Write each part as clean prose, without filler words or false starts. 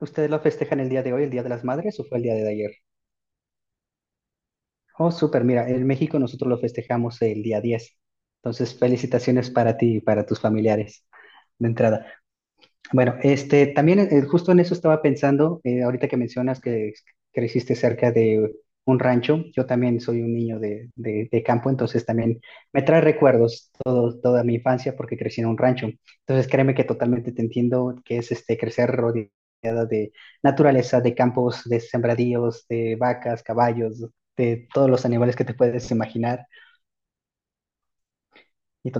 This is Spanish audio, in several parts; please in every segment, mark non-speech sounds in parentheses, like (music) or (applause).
¿Ustedes lo festejan el día de hoy, el Día de las Madres, o fue el día de ayer? Oh, súper, mira, en México nosotros lo festejamos el día 10. Entonces, felicitaciones para ti y para tus familiares de entrada. Bueno, este, también justo en eso estaba pensando, ahorita que mencionas que creciste cerca de un rancho, yo también soy un niño de campo, entonces también me trae recuerdos toda mi infancia porque crecí en un rancho. Entonces créeme que totalmente te entiendo que es este, crecer rodeada de naturaleza, de campos, de sembradíos, de vacas, caballos, de todos los animales que te puedes imaginar. Y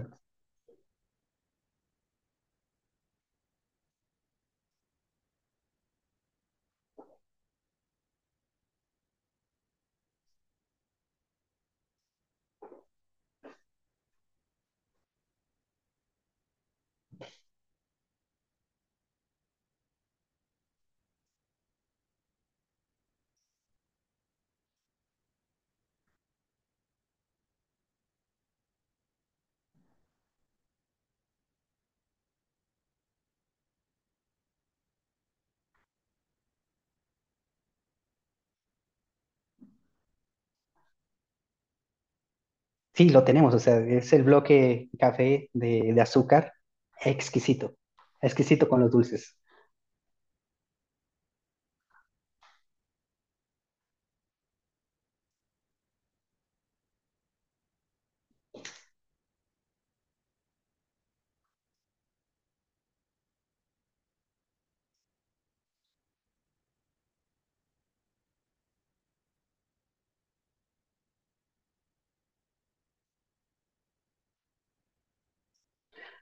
sí, lo tenemos, o sea, es el bloque café de azúcar, exquisito, exquisito con los dulces.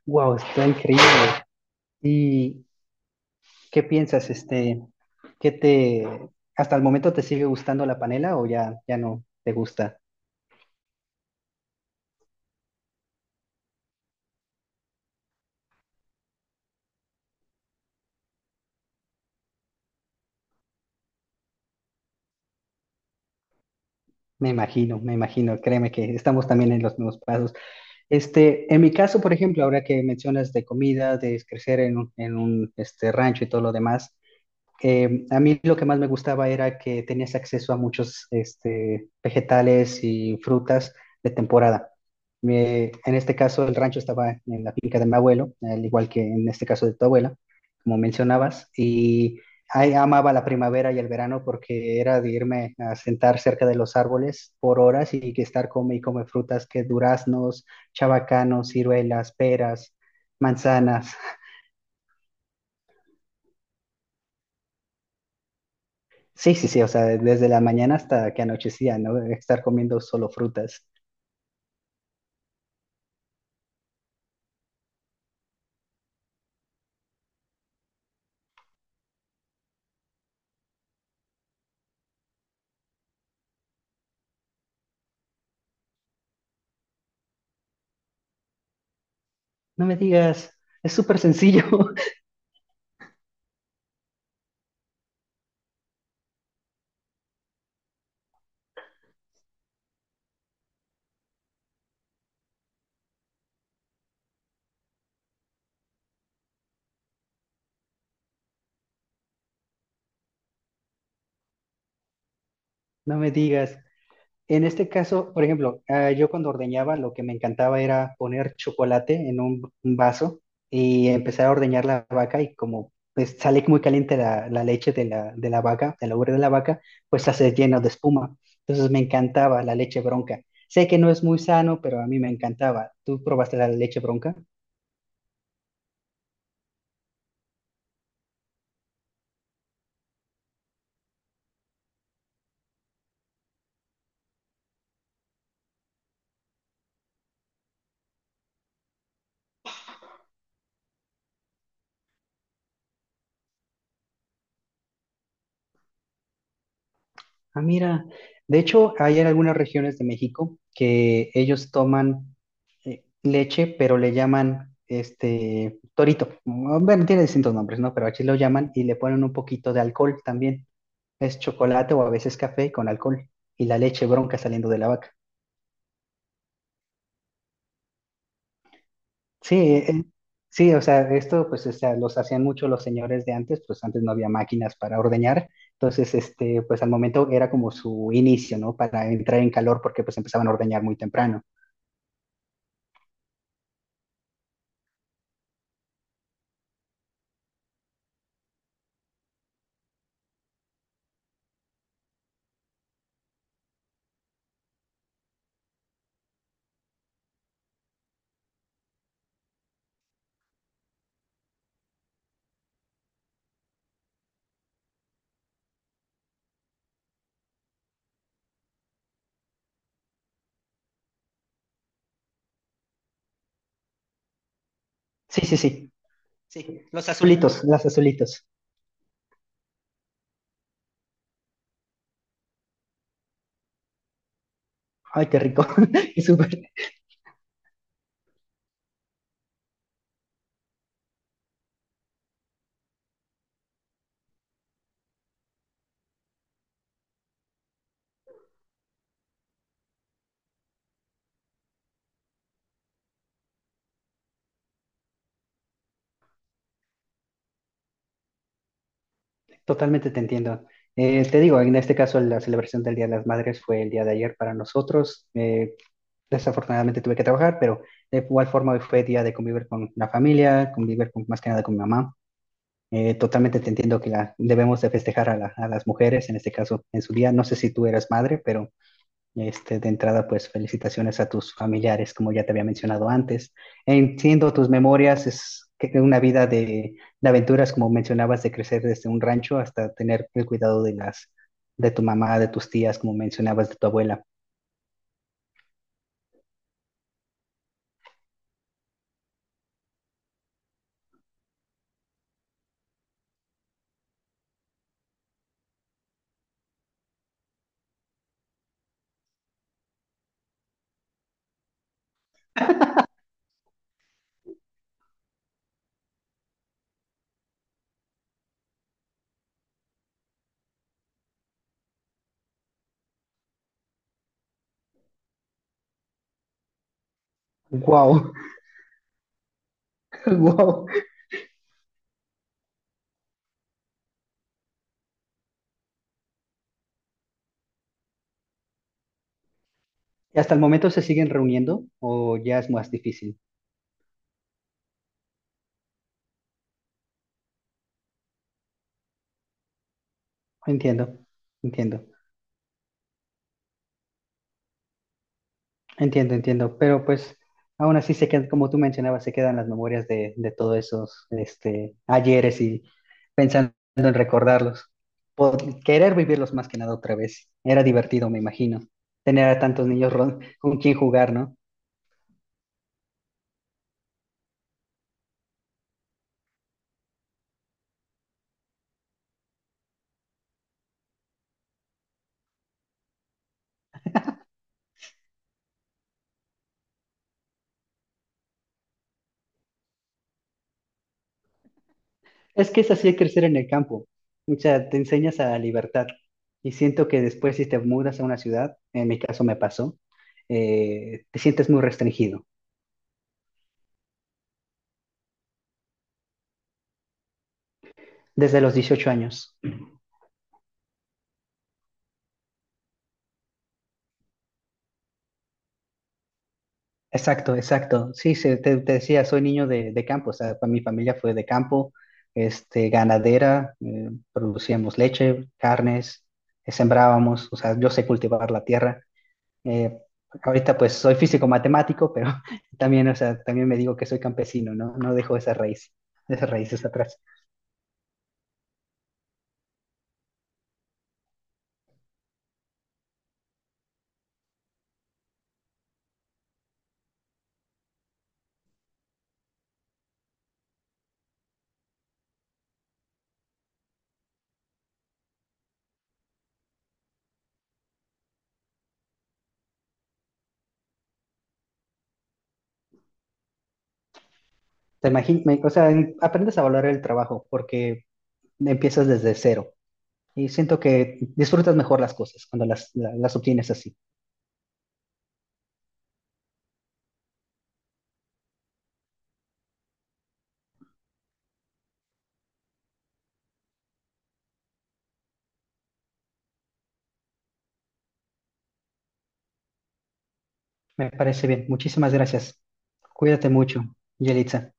Wow, está increíble. ¿Y qué piensas, este, qué te, hasta el momento te sigue gustando la panela o ya no te gusta? Me imagino, créeme que estamos también en los mismos pasos. Este, en mi caso, por ejemplo, ahora que mencionas de comida, de crecer en un este, rancho y todo lo demás, a mí lo que más me gustaba era que tenías acceso a muchos este, vegetales y frutas de temporada. En este caso, el rancho estaba en la finca de mi abuelo, al igual que en este caso de tu abuela, como mencionabas, y ahí amaba la primavera y el verano porque era de irme a sentar cerca de los árboles por horas y que estar come y come frutas que duraznos, chabacanos, ciruelas, peras, manzanas. Sí, sí, sí, o sea, desde la mañana hasta que anochecía, ¿no? Estar comiendo solo frutas. No me digas, es súper sencillo, (laughs) no me digas. En este caso, por ejemplo, ah, yo cuando ordeñaba lo que me encantaba era poner chocolate en un vaso y empezar a ordeñar la vaca y como pues, sale muy caliente la leche de de la vaca, de la ubre de la vaca, pues se hace lleno de espuma. Entonces me encantaba la leche bronca. Sé que no es muy sano, pero a mí me encantaba. ¿Tú probaste la leche bronca? Ah, mira, de hecho, hay en algunas regiones de México que ellos toman leche, pero le llaman este torito. Mm, bueno, tiene distintos nombres, ¿no? Pero aquí lo llaman y le ponen un poquito de alcohol también. Es chocolate o a veces café con alcohol y la leche bronca saliendo de la vaca. Sí, sí, o sea, esto pues o sea, los hacían mucho los señores de antes, pues antes no había máquinas para ordeñar. Entonces, este, pues al momento era como su inicio, ¿no? Para entrar en calor porque pues empezaban a ordeñar muy temprano. Sí, sí, sí. Sí, los azulitos. Azulitos, las azulitos. Ay, qué rico. (laughs) Qué súper. Totalmente te entiendo. Te digo, en este caso la celebración del Día de las Madres fue el día de ayer para nosotros. Desafortunadamente tuve que trabajar, pero de igual forma hoy fue día de convivir con la familia, convivir con, más que nada con mi mamá. Totalmente te entiendo que la, debemos de festejar a, la- a las mujeres, en este caso en su día. No sé si tú eras madre, pero este, de entrada, pues felicitaciones a tus familiares, como ya te había mencionado antes. Entiendo tus memorias, una vida de aventuras, como mencionabas, de crecer desde un rancho hasta tener el cuidado de tu mamá, de tus tías, como mencionabas, de tu abuela. Wow, (laughs) wow. ¿Y hasta el momento se siguen reuniendo o ya es más difícil? Entiendo, entiendo. Entiendo, entiendo, pero pues aún así se quedan, como tú mencionabas, se quedan las memorias de todos esos este, ayeres y pensando en recordarlos. Querer vivirlos más que nada otra vez. Era divertido, me imagino, tener a tantos niños con quien jugar, ¿no? Es que es así crecer en el campo. O sea, te enseñas a la libertad. Y siento que después si te mudas a una ciudad, en mi caso me pasó, te sientes muy restringido desde los 18 años. Exacto, exacto. Sí, te decía, soy niño de campo, o sea, mi familia fue de campo, este, ganadera, producíamos leche, carnes, sembrábamos, o sea, yo sé cultivar la tierra. Eh, ahorita pues soy físico matemático, pero (laughs) también, o sea, también me digo que soy campesino, ¿no? No dejo esa raíz, esas raíces atrás. O sea, aprendes a valorar el trabajo porque empiezas desde cero y siento que disfrutas mejor las cosas cuando las obtienes así. Me parece bien. Muchísimas gracias. Cuídate mucho, Yelitza.